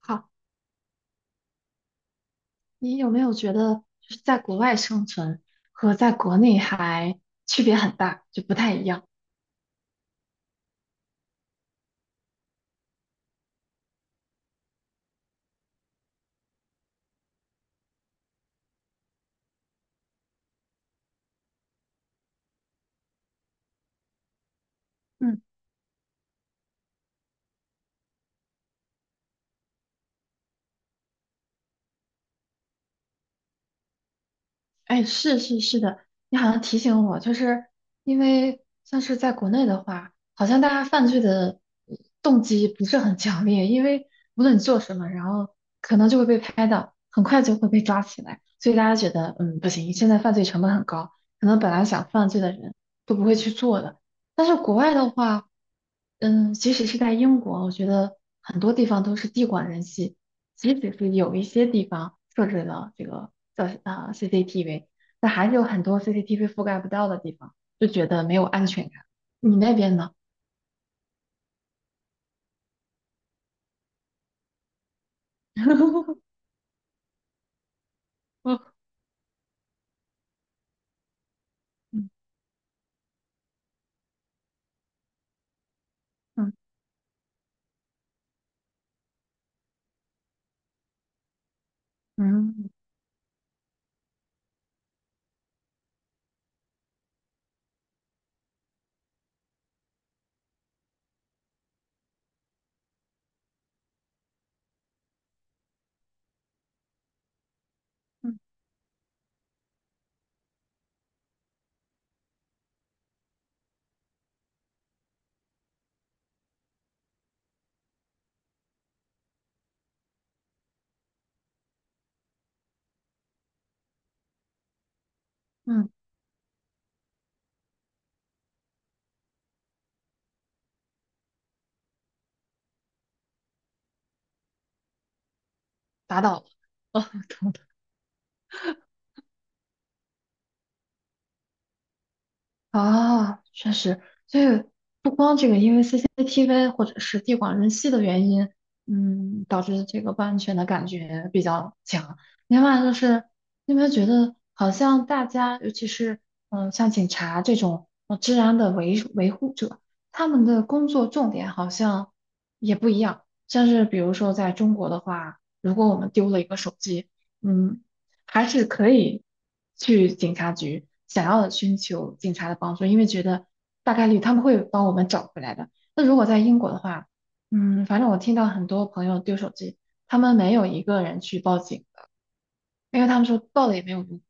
好，你有没有觉得就是在国外生存和在国内还区别很大，就不太一样？哎，是的，你好像提醒我，就是因为像是在国内的话，好像大家犯罪的呃动机不是很强烈，因为无论你做什么，然后可能就会被拍到，很快就会被抓起来，所以大家觉得，嗯，不行，现在犯罪成本很高，可能本来想犯罪的人都不会去做的。但是国外的话，嗯，即使是在英国，我觉得很多地方都是地广人稀，即使是有一些地方设置了这个。CCTV，但还是有很多 CCTV 覆盖不到的地方，就觉得没有安全感。你那边呢？嗯嗯嗯嗯嗯，打倒了。哦，啊，确实，所以不光这个，因为 CCTV 或者是地广人稀的原因，嗯，导致这个不安全的感觉比较强。另外就是，你有没有觉得好像大家，尤其是像警察这种治安的维护者，他们的工作重点好像也不一样。像是比如说在中国的话，如果我们丢了一个手机，嗯。还是可以去警察局，想要寻求警察的帮助，因为觉得大概率他们会帮我们找回来的。那如果在英国的话，嗯，反正我听到很多朋友丢手机，他们没有一个人去报警的，因为他们说报了也没有用。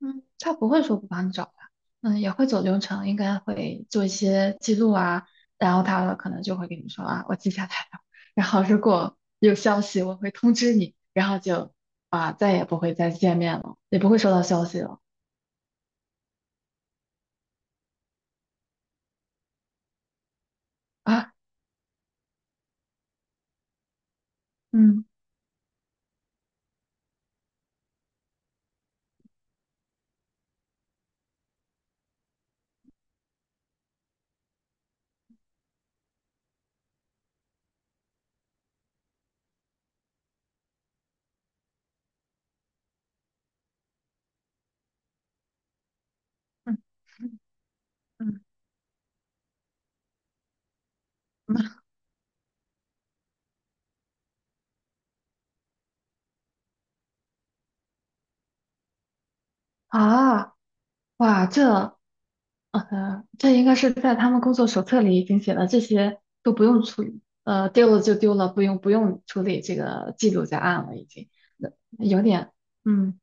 嗯，他不会说不帮你找的，嗯，也会走流程，应该会做一些记录啊，然后他可能就会跟你说啊，我记下来了，然后如果有消息我会通知你，然后就啊再也不会再见面了，也不会收到消息了啊，嗯嗯嗯嗯啊，哇，这。这应该是在他们工作手册里已经写了，这些都不用处理，呃，丢了就丢了，不用处理这个记录在案了，已经，呃有点，嗯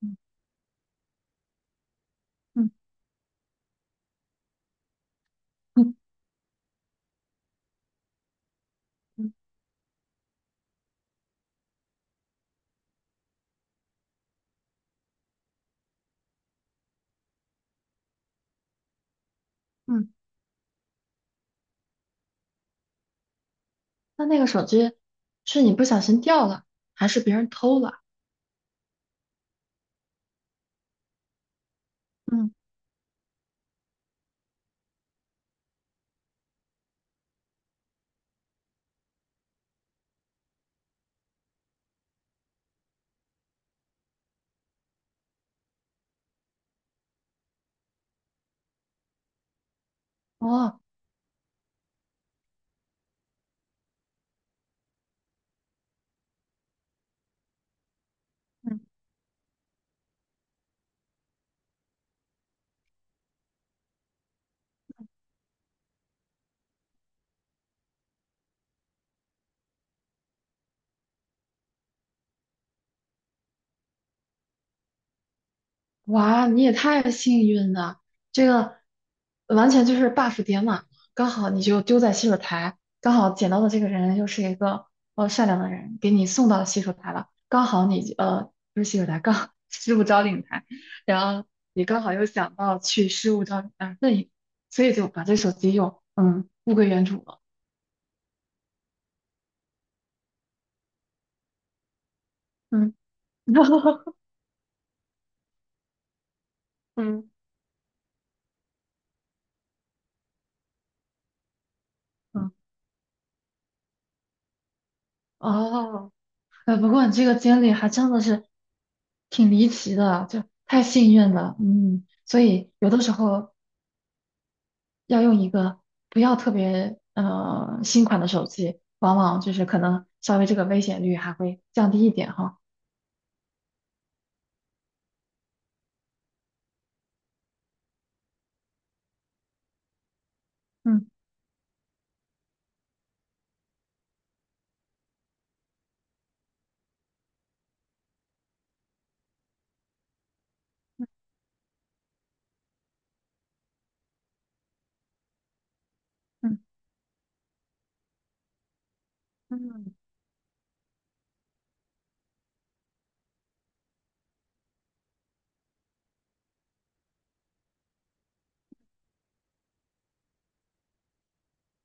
嗯嗯嗯嗯嗯，那那个手机是你不小心掉了，还是别人偷了？嗯，哦。嗯哇，你也太幸运了，这个完全就是 buff 点满了，刚好你就丢在洗手台，刚好捡到的这个人又是一个善良的人，给你送到洗手台了，刚好你不是洗手台，刚好 失物招领台，然后你刚好又想到去失物招领台，那所以就把这手机又嗯物归原主了，嗯，嗯嗯哦。不过你这个经历还真的是挺离奇的，就太幸运了，嗯，所以有的时候要用一个不要特别新款的手机，往往就是可能稍微这个危险率还会降低一点哈，嗯。嗯嗯。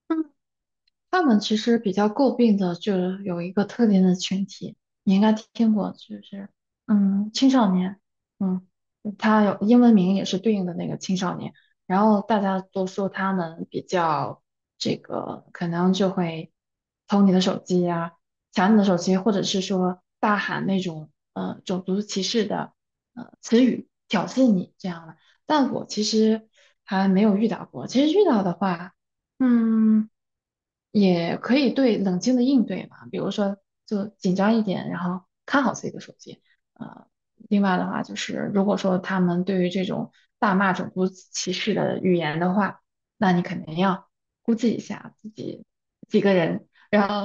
嗯他们其实比较诟病的就是有一个特定的群体，你应该听过，就是嗯青少年，嗯，他有英文名也是对应的那个青少年，然后大家都说他们比较这个，可能就会偷你的手机呀、抢你的手机，或者是说大喊那种种族歧视的词语挑衅你这样的，但我其实还没有遇到过，其实遇到的话。嗯，也可以对冷静的应对吧，比如说就紧张一点，然后看好自己的手机。呃，另外的话就是，如果说他们对于这种大骂种族歧视的语言的话，那你肯定要估计一下自己几个人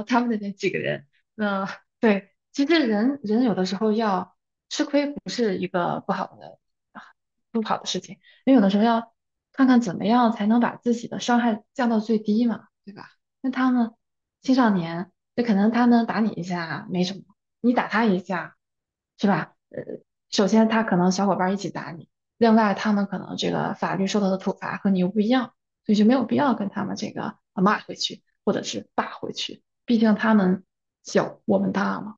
他们的那几个人。那对，其实人人有的时候要吃亏，不是一个不好的啊不好的事情，因为有的时候要看看怎么样才能把自己的伤害降到最低嘛，对吧？那他们青少年，那可能他们打你一下没什么，你打他一下，是吧？首先他可能小伙伴儿一起打你，另外他们可能这个法律受到的处罚和你又不一样，所以就没有必要跟他们这个骂回去或者是打回去。毕竟他们小，我们大嘛。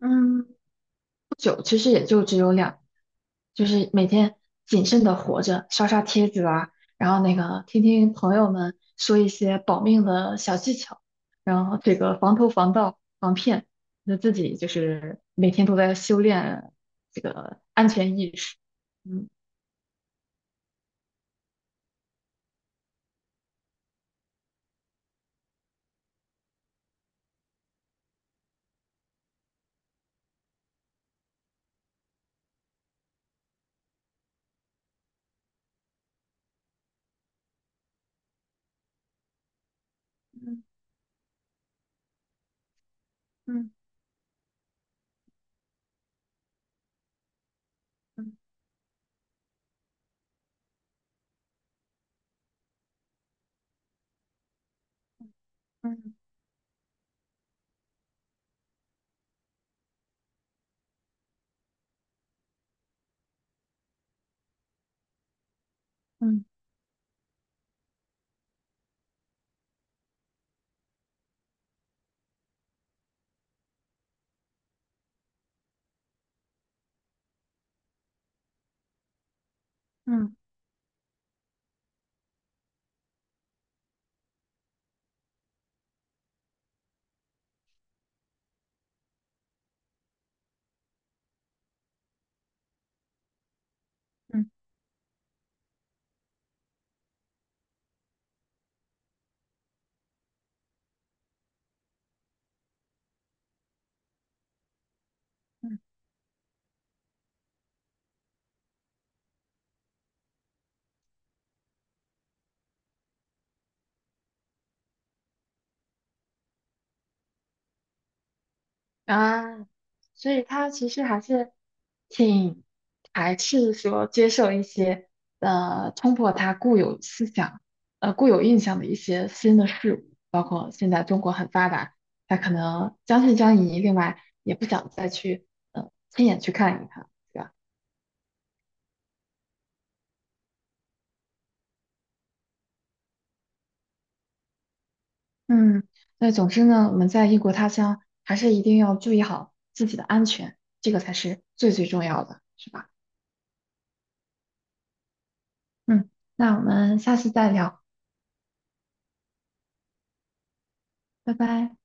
嗯，不久，其实也就只有两，就是每天谨慎的活着，刷刷帖子啊，然后那个听听朋友们说一些保命的小技巧，然后这个防偷、防盗、防骗，那自己就是每天都在修炼这个安全意识。嗯。嗯嗯嗯。啊，所以他其实还是挺排斥说接受一些冲破他固有思想、固有印象的一些新的事物，包括现在中国很发达，他可能将信将疑，另外也不想再去亲眼去看一看，对吧？嗯，那总之呢，我们在异国他乡还是一定要注意好自己的安全，这个才是最最重要的，是吧？嗯，那我们下次再聊，拜拜。